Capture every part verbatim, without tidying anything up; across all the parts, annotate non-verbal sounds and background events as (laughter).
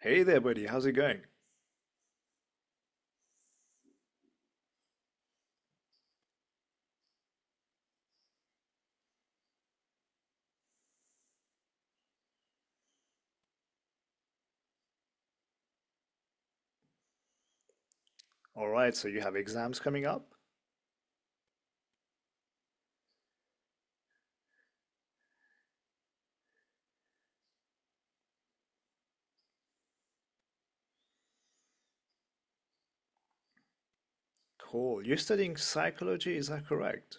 Hey there, buddy. How's it going? All right, so you have exams coming up? Cool. You're studying psychology, is that correct?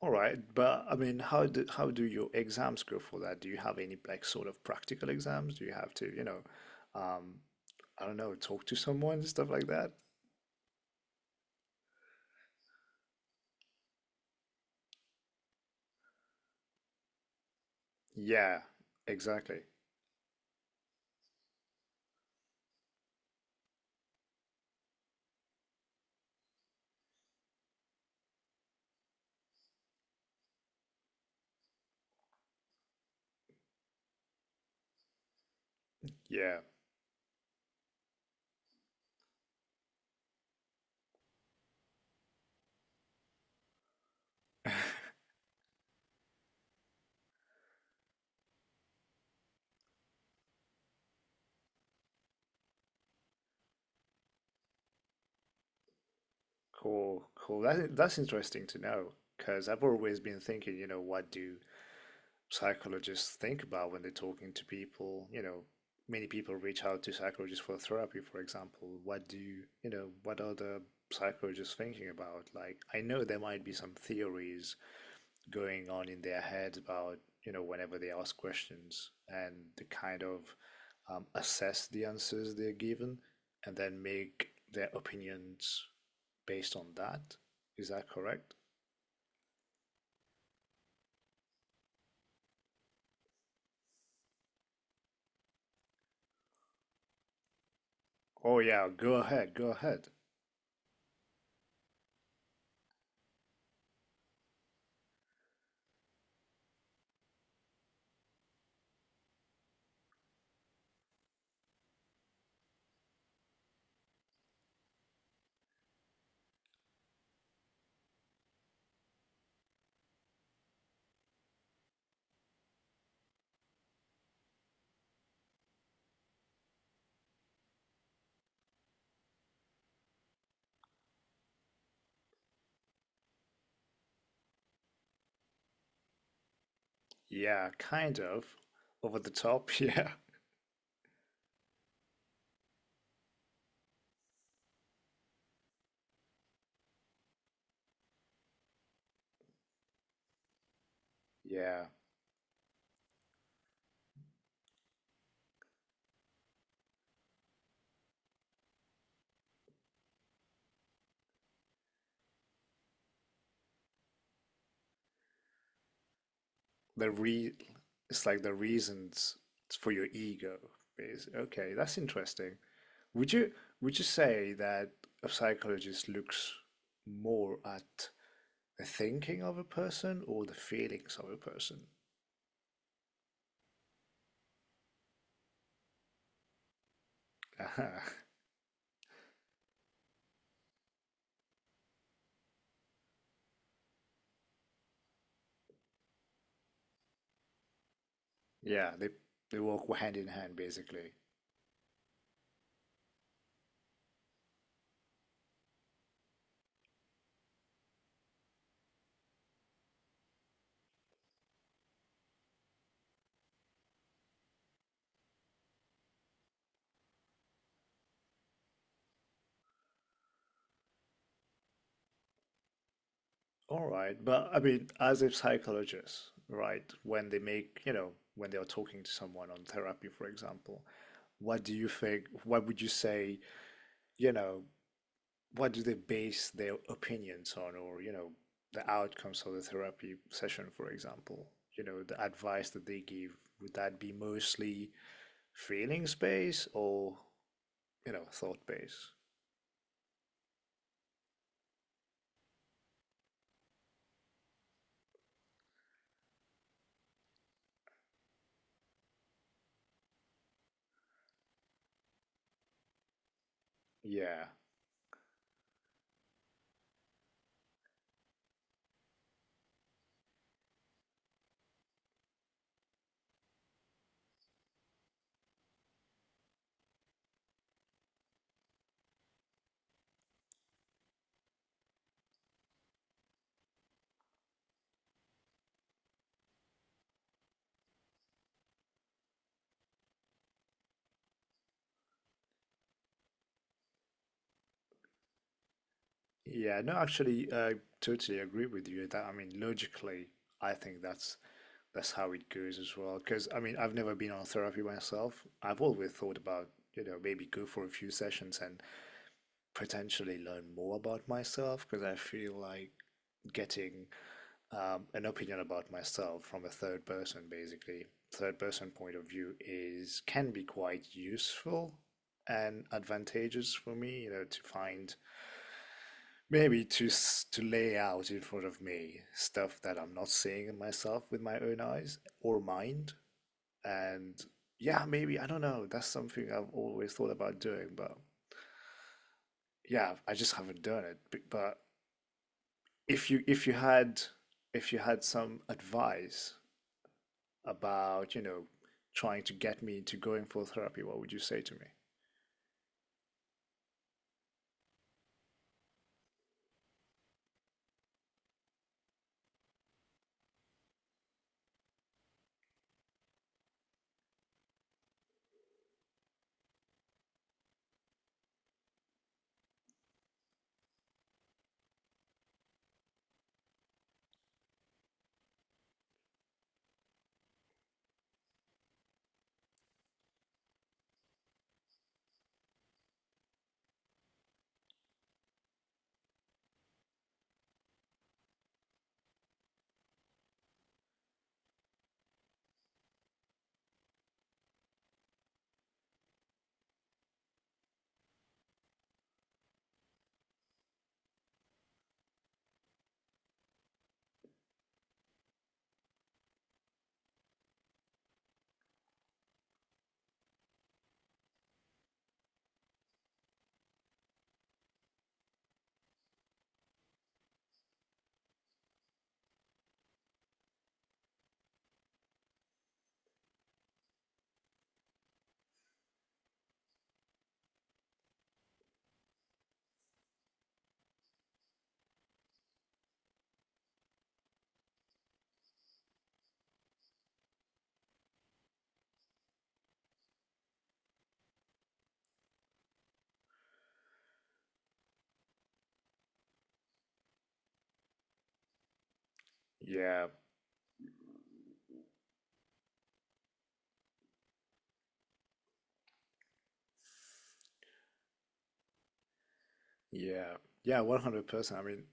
All right, but I mean, how do, how do your exams go for that? Do you have any like sort of practical exams? Do you have to, you know, um, I don't know, talk to someone and stuff like that? Yeah, exactly. Yeah, cool, cool. That, that's interesting to know because I've always been thinking, you know, what do psychologists think about when they're talking to people. You know, many people reach out to psychologists for therapy, for example. What do you, you know, what are the psychologists thinking about? Like, I know there might be some theories going on in their heads about, you know, whenever they ask questions and the kind of um, assess the answers they're given and then make their opinions based on that. Is that correct? Oh, yeah, go ahead, go ahead. Yeah, kind of. Over the top, (laughs) yeah. Yeah. The re It's like the reasons for your ego is okay, that's interesting. Would you would you say that a psychologist looks more at the thinking of a person or the feelings of a person? (laughs) Yeah, they they walk hand in hand basically. All right, but I mean, as a psychologist, right, when they make, you know, when they are talking to someone on therapy, for example, what do you think, what would you say, you know, what do they base their opinions on, or, you know, the outcomes of the therapy session, for example, you know, the advice that they give, would that be mostly feelings based or, you know, thought based? Yeah. Yeah, no, actually, I totally agree with you that, I mean, logically, I think that's that's how it goes as well. Because I mean, I've never been on therapy myself. I've always thought about, you know, maybe go for a few sessions and potentially learn more about myself. Because I feel like getting um, an opinion about myself from a third person, basically, third person point of view, is can be quite useful and advantageous for me. You know, to find maybe to to lay out in front of me stuff that I'm not seeing in myself with my own eyes or mind and yeah, maybe, I don't know. That's something I've always thought about doing, but yeah, I just haven't done it. B- But if you if you had if you had some advice about, you know, trying to get me into going for therapy, what would you say to me? Yeah, yeah, yeah, one hundred percent. I mean,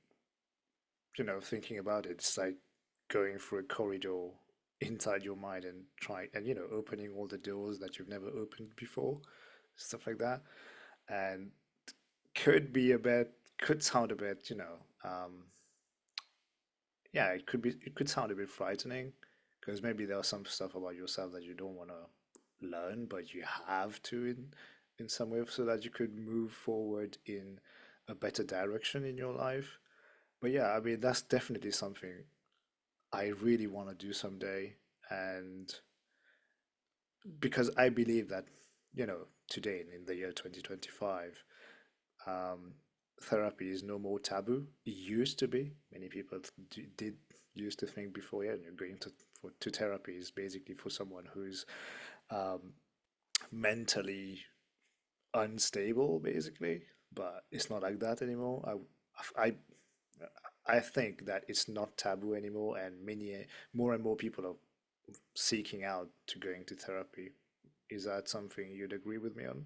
you know, thinking about it, it's like going through a corridor inside your mind and trying and, you know, opening all the doors that you've never opened before, stuff like that. And could be a bit, could sound a bit, you know, um yeah, it could be, it could sound a bit frightening because maybe there are some stuff about yourself that you don't want to learn, but you have to in in some way so that you could move forward in a better direction in your life. But yeah, I mean, that's definitely something I really want to do someday. And because I believe that, you know, today in the year twenty twenty-five, um, therapy is no more taboo. It used to be. Many people d- did used to think before, yeah, you're going to, for, to therapy is basically for someone who's um, mentally unstable, basically. But it's not like that anymore. I, I, I think that it's not taboo anymore, and many more and more people are seeking out to going to therapy. Is that something you'd agree with me on?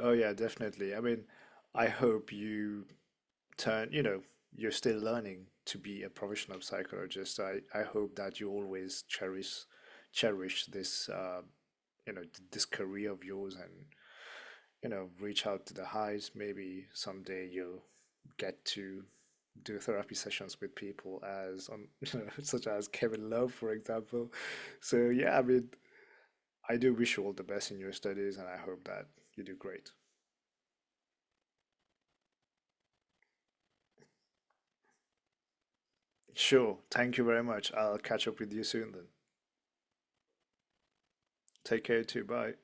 Oh yeah, definitely. I mean, I hope you turn, you know, you're still learning to be a professional psychologist. I, I hope that you always cherish cherish this uh, you know, this career of yours and you know reach out to the highs. Maybe someday you'll get to do therapy sessions with people as on you know, (laughs) such as Kevin Love, for example. So yeah, I mean, I do wish you all the best in your studies, and I hope that you do great. Sure, thank you very much. I'll catch up with you soon then. Take care too. Bye.